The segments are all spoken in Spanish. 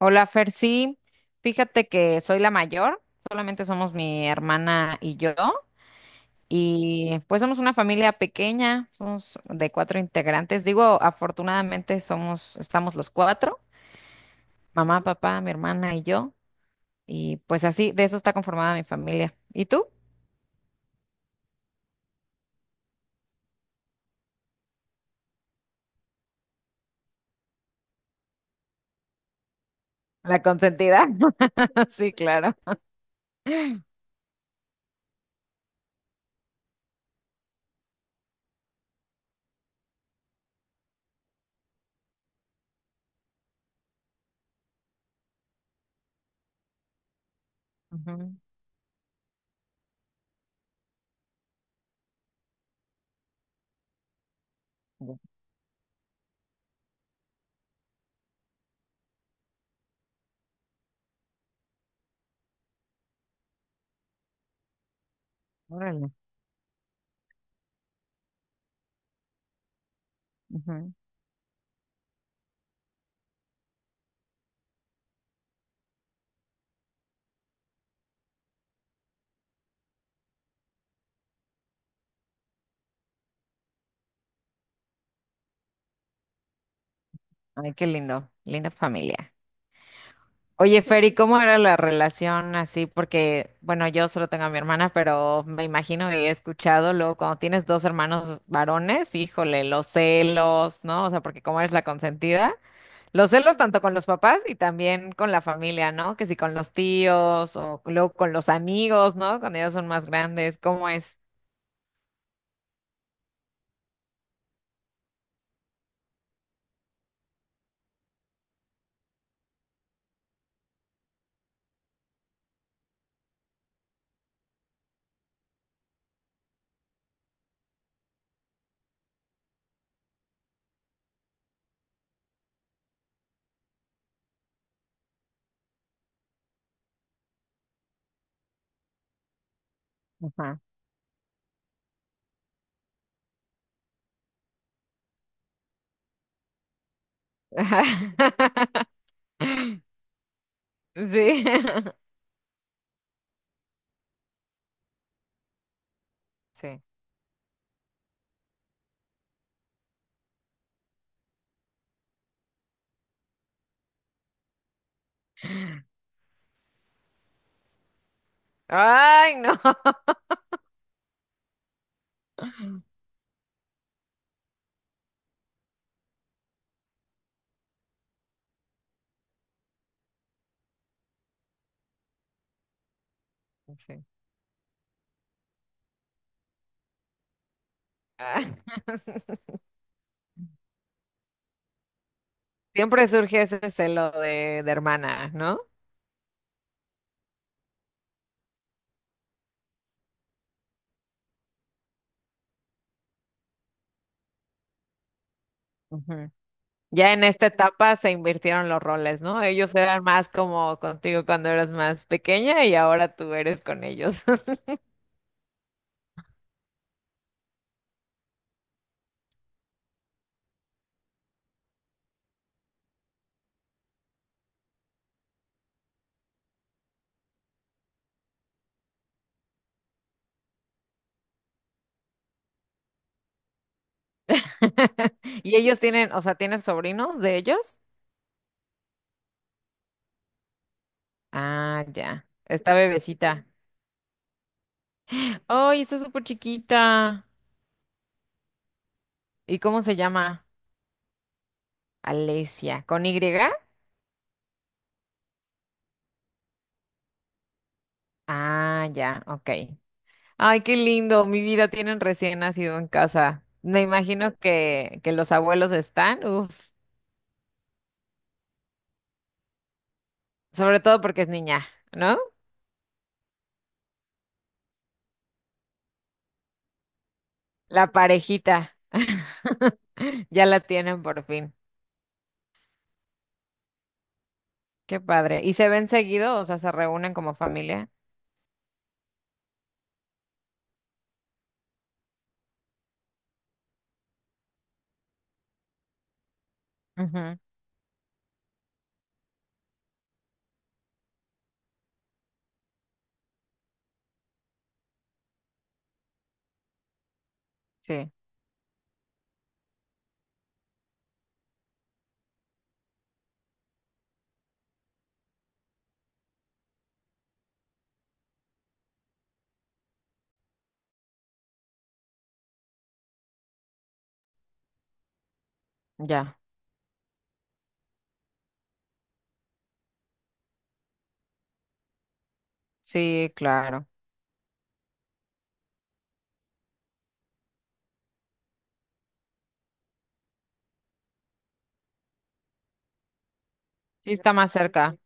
Hola, Fer, sí, fíjate que soy la mayor, solamente somos mi hermana y yo, y pues somos una familia pequeña, somos de cuatro integrantes. Digo, afortunadamente somos, estamos los cuatro, mamá, papá, mi hermana y yo, y pues así, de eso está conformada mi familia. ¿Y tú? La consentida. Sí, claro. Ujú. Órale. Ujú. Ay, qué lindo, linda familia. Oye, Fer, ¿y cómo era la relación así? Porque, bueno, yo solo tengo a mi hermana, pero me imagino y he escuchado luego cuando tienes dos hermanos varones, híjole, los celos, ¿no? O sea, porque como eres la consentida, los celos tanto con los papás y también con la familia, ¿no? Que si con los tíos o luego con los amigos, ¿no? Cuando ellos son más grandes, ¿cómo es? Ajá. Sí. Sí. Ay, no. Sí. Ah, Siempre surge ese celo de hermana, ¿no? Ujú. Ya en esta etapa se invirtieron los roles, ¿no? Ellos eran más como contigo cuando eras más pequeña y ahora tú eres con ellos. Y ellos tienen, o sea, ¿tienes sobrinos de ellos? Ah, ya. Esta bebecita. Ay, está súper chiquita. ¿Y cómo se llama? Alesia. ¿Con Y? Ah, ya, ok. Ay, qué lindo, mi vida tienen recién nacido en casa. Me imagino que los abuelos están, uf, sobre todo porque es niña, ¿no? La parejita. Ya la tienen por fin. Qué padre. ¿Y se ven seguido? O sea, se reúnen como familia. Ujú, sí, ya. Sí, claro. Sí, está más cerca.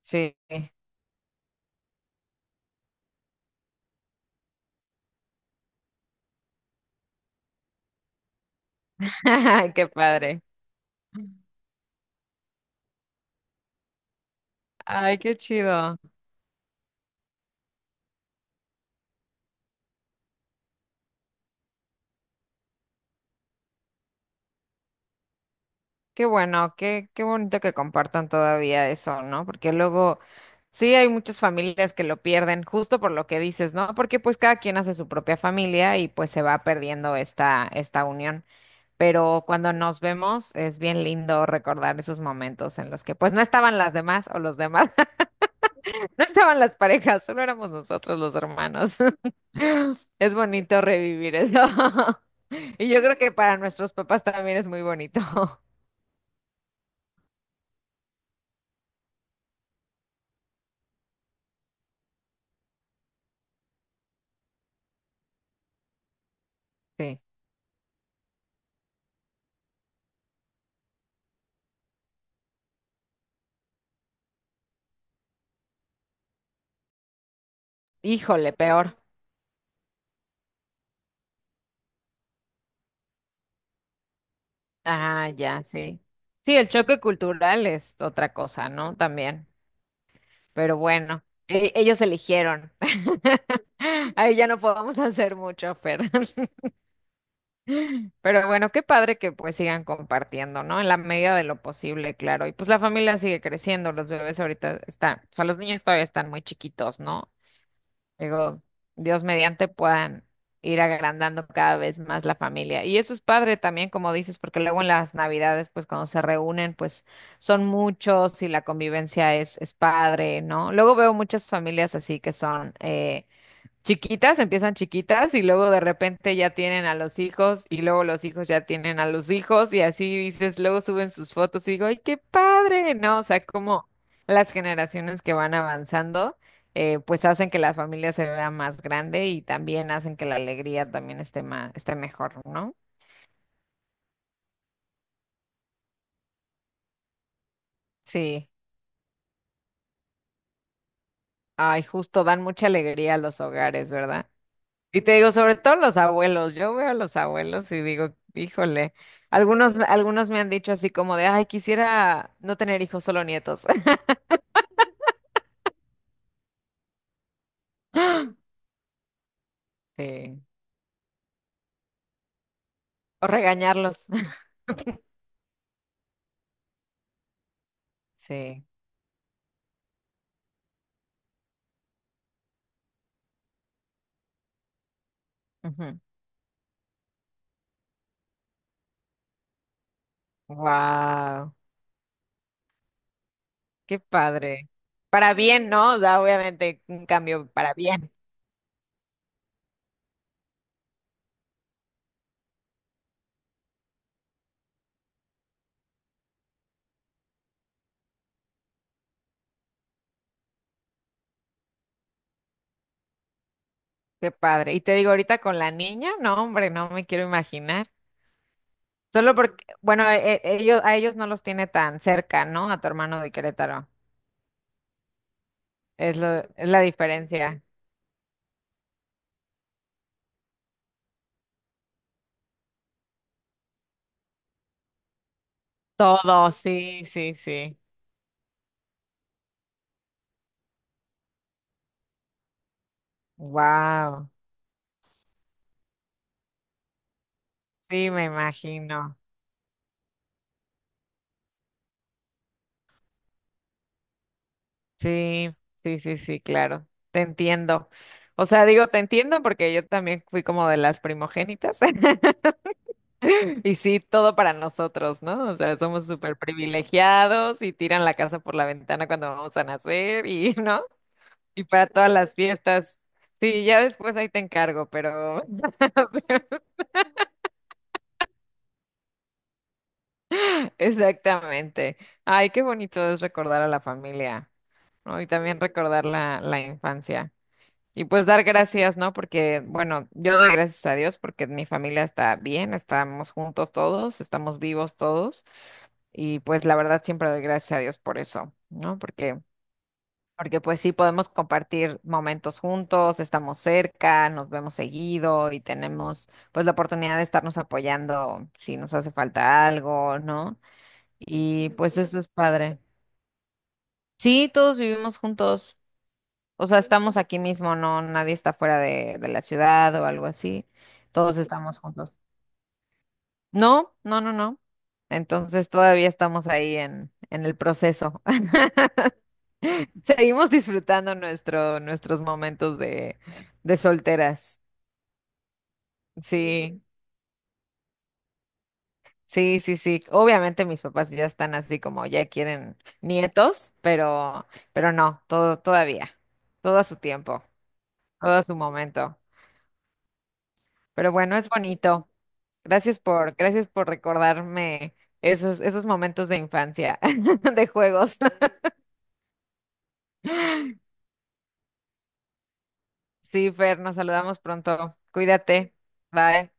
Sí. Ay, qué padre. Ay, qué chido. Qué bueno, qué, qué bonito que compartan todavía eso, ¿no? Porque luego sí hay muchas familias que lo pierden justo por lo que dices, ¿no? Porque pues cada quien hace su propia familia y pues se va perdiendo esta, esta unión. Pero cuando nos vemos es bien lindo recordar esos momentos en los que pues no estaban las demás o los demás, no estaban las parejas, solo éramos nosotros los hermanos. Es bonito revivir eso. Y yo creo que para nuestros papás también es muy bonito. Sí. Híjole, peor. Ah, ya, sí. Sí, el choque cultural es otra cosa, ¿no? También. Pero bueno, ellos eligieron. Ahí ya no podemos hacer mucho, Fer. Pero bueno, qué padre que pues sigan compartiendo, ¿no? En la medida de lo posible, claro. Y pues la familia sigue creciendo, los bebés ahorita están, o sea, los niños todavía están muy chiquitos, ¿no? Digo, Dios mediante puedan ir agrandando cada vez más la familia. Y eso es padre también, como dices, porque luego en las navidades, pues cuando se reúnen, pues son muchos y la convivencia es padre, ¿no? Luego veo muchas familias así que son, chiquitas, empiezan chiquitas y luego de repente ya tienen a los hijos y luego los hijos ya tienen a los hijos y así dices, luego suben sus fotos y digo, ¡ay, qué padre! No, o sea, como las generaciones que van avanzando, pues hacen que la familia se vea más grande y también hacen que la alegría también esté más, esté mejor, ¿no? Sí. Ay, justo dan mucha alegría a los hogares, ¿verdad? Y te digo, sobre todo los abuelos, yo veo a los abuelos y digo, híjole, algunos, algunos me han dicho así como de, ay, quisiera no tener hijos, solo nietos. Sí. O regañarlos. Sí. Wow, qué padre. Para bien, ¿no? O sea, obviamente un cambio para bien. Qué padre. Y te digo, ahorita con la niña, no, hombre, no me quiero imaginar. Solo porque, bueno, ellos, a ellos no los tiene tan cerca, ¿no? A tu hermano de Querétaro. Es lo, es la diferencia. Todo, sí, sí, sí. Wow. Sí, me imagino. Sí, sí, sí, sí, claro. Te entiendo. O sea, digo, te entiendo porque yo también fui como de las primogénitas. Y sí, todo para nosotros, ¿no? O sea, somos súper privilegiados y tiran la casa por la ventana cuando vamos a nacer y, ¿no? Y para todas las fiestas. Sí, ya después ahí te encargo, pero, Exactamente. Ay, qué bonito es recordar a la familia, ¿no? Y también recordar la infancia. Y pues dar gracias, ¿no? Porque, bueno, yo doy gracias a Dios porque mi familia está bien, estamos juntos todos, estamos vivos todos. Y pues la verdad siempre doy gracias a Dios por eso, ¿no? Porque, porque pues sí podemos compartir momentos juntos, estamos cerca, nos vemos seguido y tenemos pues la oportunidad de estarnos apoyando si nos hace falta algo, ¿no? Y pues eso es padre. Sí, todos vivimos juntos. O sea, estamos aquí mismo, no, nadie está fuera de la ciudad o algo así. Todos estamos juntos. No, no, no, no. Entonces todavía estamos ahí en el proceso. Seguimos disfrutando nuestro, nuestros momentos de solteras. Sí, sí, sí, sí. Obviamente mis papás ya están así como ya quieren nietos, pero no, todo, todavía, todo a su tiempo. Todo a su momento. Pero bueno, es bonito. Gracias por, gracias por recordarme esos, esos momentos de infancia, de juegos. Sí, Fer, nos saludamos pronto. Cuídate. Bye.